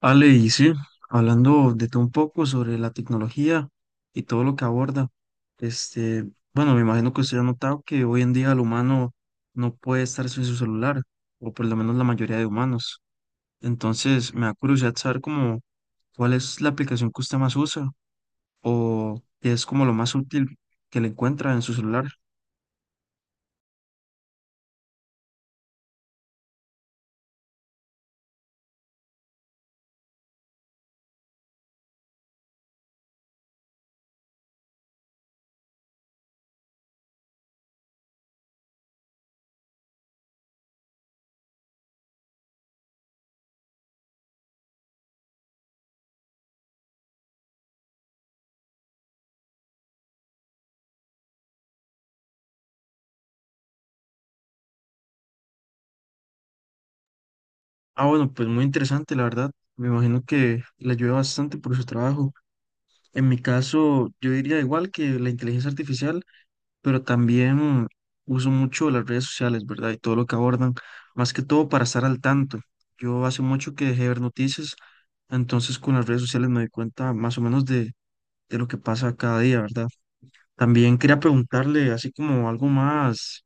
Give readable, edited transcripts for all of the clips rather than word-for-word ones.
Ale, y sí, hablando de todo un poco sobre la tecnología y todo lo que aborda, este, bueno, me imagino que usted ha notado que hoy en día el humano no puede estar sin su celular, o por lo menos la mayoría de humanos. Entonces, me da curiosidad saber cómo, ¿cuál es la aplicación que usted más usa, o qué es como lo más útil que le encuentra en su celular? Ah, bueno, pues muy interesante, la verdad. Me imagino que le ayuda bastante por su trabajo. En mi caso, yo diría igual que la inteligencia artificial, pero también uso mucho las redes sociales, ¿verdad? Y todo lo que abordan, más que todo para estar al tanto. Yo hace mucho que dejé de ver noticias, entonces con las redes sociales me doy cuenta más o menos de lo que pasa cada día, ¿verdad? También quería preguntarle, así como algo más,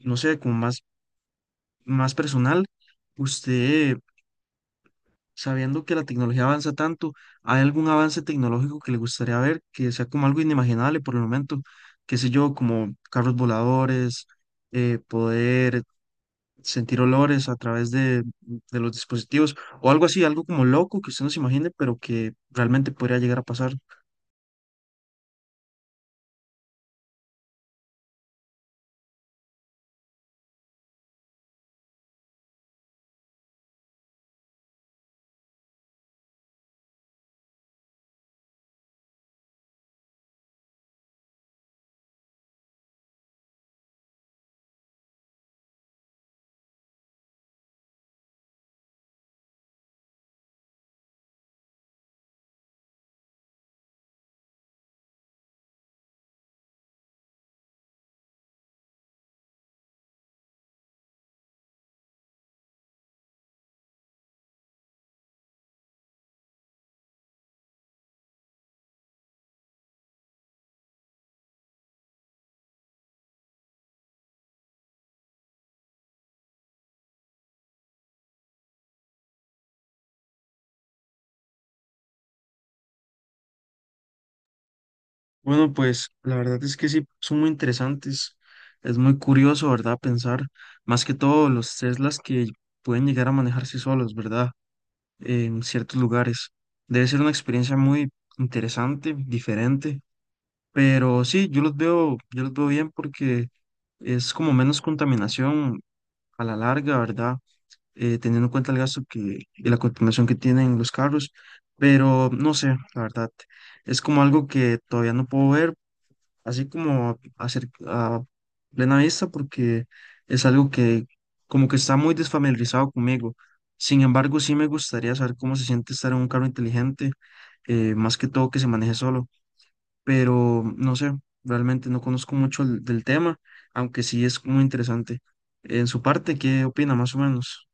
no sé, como más, más personal, ¿usted, sabiendo que la tecnología avanza tanto, hay algún avance tecnológico que le gustaría ver, que sea como algo inimaginable por el momento? Qué sé yo, como carros voladores, poder sentir olores a través de los dispositivos o algo así, algo como loco que usted no se imagine, pero que realmente podría llegar a pasar. Bueno, pues la verdad es que sí, son muy interesantes. Es muy curioso, ¿verdad? Pensar, más que todo, los Teslas que pueden llegar a manejarse solos, ¿verdad?, en ciertos lugares. Debe ser una experiencia muy interesante, diferente, pero sí, yo los veo bien, porque es como menos contaminación a la larga, ¿verdad? Teniendo en cuenta el gasto que, y la contaminación que tienen los carros, pero no sé, la verdad, es como algo que todavía no puedo ver así como a, a plena vista, porque es algo que como que está muy desfamiliarizado conmigo. Sin embargo, sí me gustaría saber cómo se siente estar en un carro inteligente, más que todo que se maneje solo, pero no sé, realmente no conozco mucho del tema, aunque sí es muy interesante. En su parte, ¿qué opina más o menos?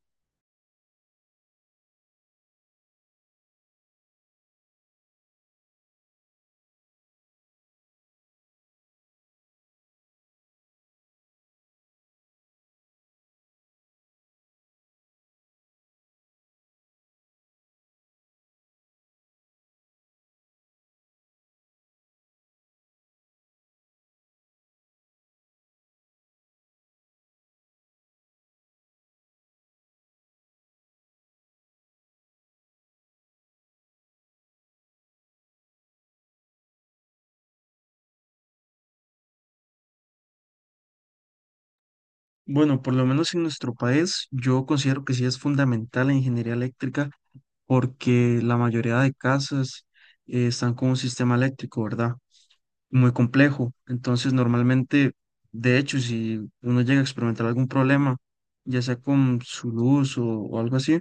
Bueno, por lo menos en nuestro país, yo considero que sí es fundamental la ingeniería eléctrica, porque la mayoría de casas están con un sistema eléctrico, ¿verdad? Muy complejo. Entonces, normalmente, de hecho, si uno llega a experimentar algún problema, ya sea con su luz o algo así,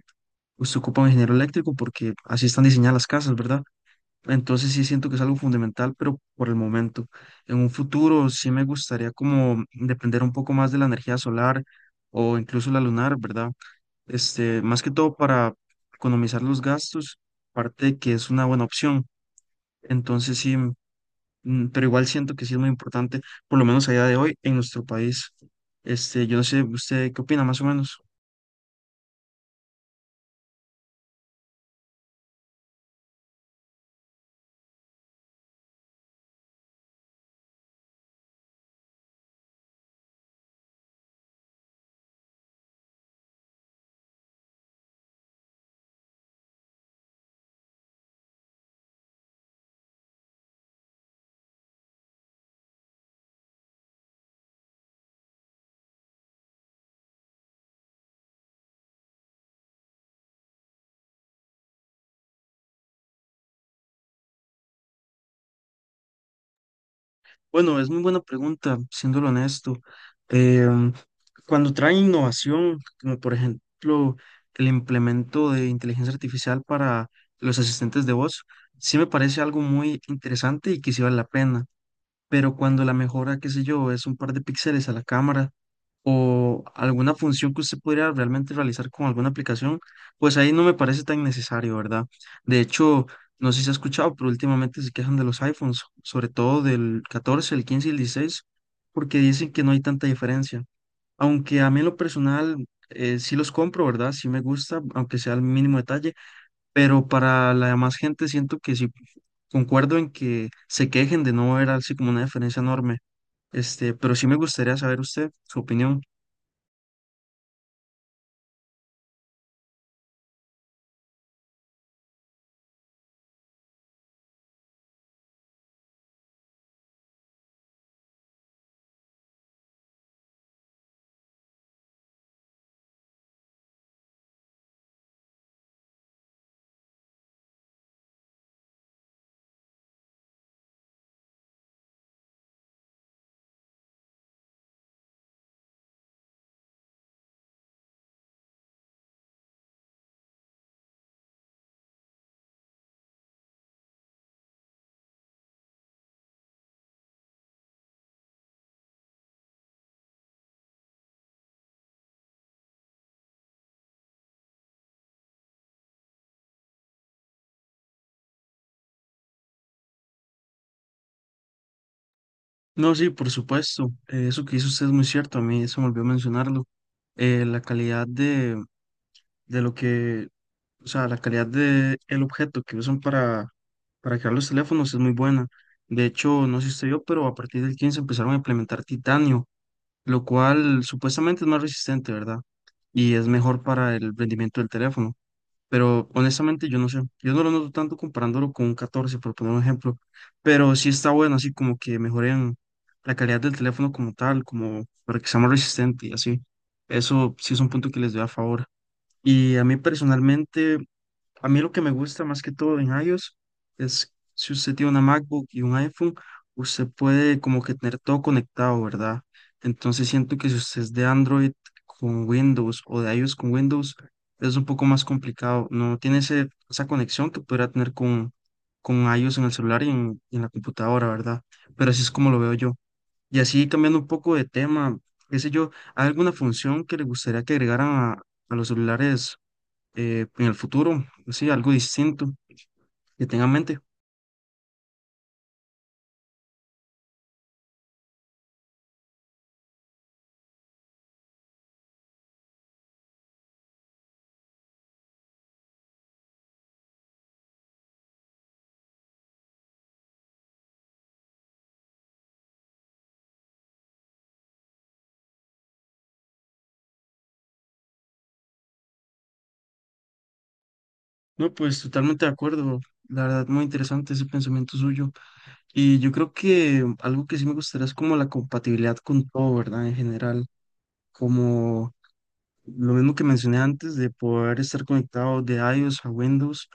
pues se ocupa un ingeniero eléctrico, porque así están diseñadas las casas, ¿verdad? Entonces sí siento que es algo fundamental, pero por el momento. En un futuro sí me gustaría como depender un poco más de la energía solar o incluso la lunar, ¿verdad? Más que todo para economizar los gastos, parte de que es una buena opción. Entonces sí, pero igual siento que sí es muy importante, por lo menos a día de hoy en nuestro país. Yo no sé, ¿usted qué opina más o menos? Bueno, es muy buena pregunta, siéndolo honesto. Em, Cuando trae innovación, como por ejemplo el implemento de inteligencia artificial para los asistentes de voz, sí me parece algo muy interesante y que sí vale la pena, pero cuando la mejora, qué sé yo, es un par de píxeles a la cámara o alguna función que usted pudiera realmente realizar con alguna aplicación, pues ahí no me parece tan necesario, ¿verdad? De hecho, no sé si se ha escuchado, pero últimamente se quejan de los iPhones, sobre todo del 14, el 15 y el 16, porque dicen que no hay tanta diferencia. Aunque a mí en lo personal, sí los compro, ¿verdad? Sí me gusta, aunque sea el mínimo detalle, pero para la demás gente siento que sí concuerdo en que se quejen de no ver así como una diferencia enorme. Pero sí me gustaría saber usted su opinión. No, sí, por supuesto. Eso que hizo usted es muy cierto. A mí se me olvidó mencionarlo. La calidad de lo que, o sea, la calidad de el objeto que usan para crear los teléfonos es muy buena. De hecho, no sé si usted vio, pero a partir del 15 empezaron a implementar titanio, lo cual supuestamente es más resistente, ¿verdad? Y es mejor para el rendimiento del teléfono, pero honestamente yo no sé. Yo no lo noto tanto comparándolo con un catorce, por poner un ejemplo, pero sí está bueno, así como que mejoren la calidad del teléfono como tal, como para que sea más resistente y así. Eso sí es un punto que les doy a favor. Y a mí personalmente, a mí lo que me gusta más que todo en iOS es, si usted tiene una MacBook y un iPhone, usted puede como que tener todo conectado, ¿verdad? Entonces siento que si usted es de Android con Windows o de iOS con Windows, es un poco más complicado. No tiene esa conexión que podría tener con iOS en el celular y en la computadora, ¿verdad? Pero así es como lo veo yo. Y así, cambiando un poco de tema, qué sé yo, ¿hay alguna función que le gustaría que agregaran a los celulares, en el futuro, sí, algo distinto que tenga en mente? No, pues totalmente de acuerdo. La verdad, muy interesante ese pensamiento suyo. Y yo creo que algo que sí me gustaría es como la compatibilidad con todo, ¿verdad? En general, como lo mismo que mencioné antes de poder estar conectado de iOS a Windows,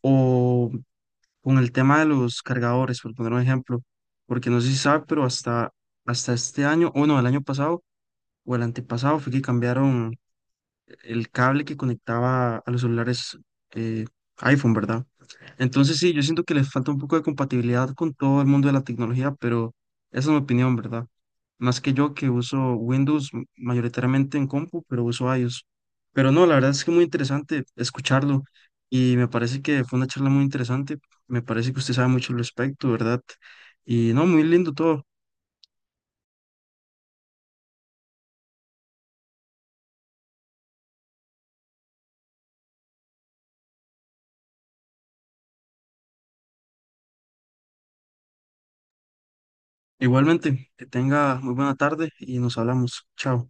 o con el tema de los cargadores, por poner un ejemplo, porque no sé si sabe, pero hasta este año, o no, el año pasado o el antepasado, fue que cambiaron el cable que conectaba a los celulares eh, iPhone, ¿verdad? Entonces sí, yo siento que les falta un poco de compatibilidad con todo el mundo de la tecnología, pero esa es mi opinión, ¿verdad? Más que yo, que uso Windows mayoritariamente en compu, pero uso iOS. Pero no, la verdad es que muy interesante escucharlo, y me parece que fue una charla muy interesante. Me parece que usted sabe mucho al respecto, ¿verdad? Y no, muy lindo todo. Igualmente, que tenga muy buena tarde y nos hablamos. Chao.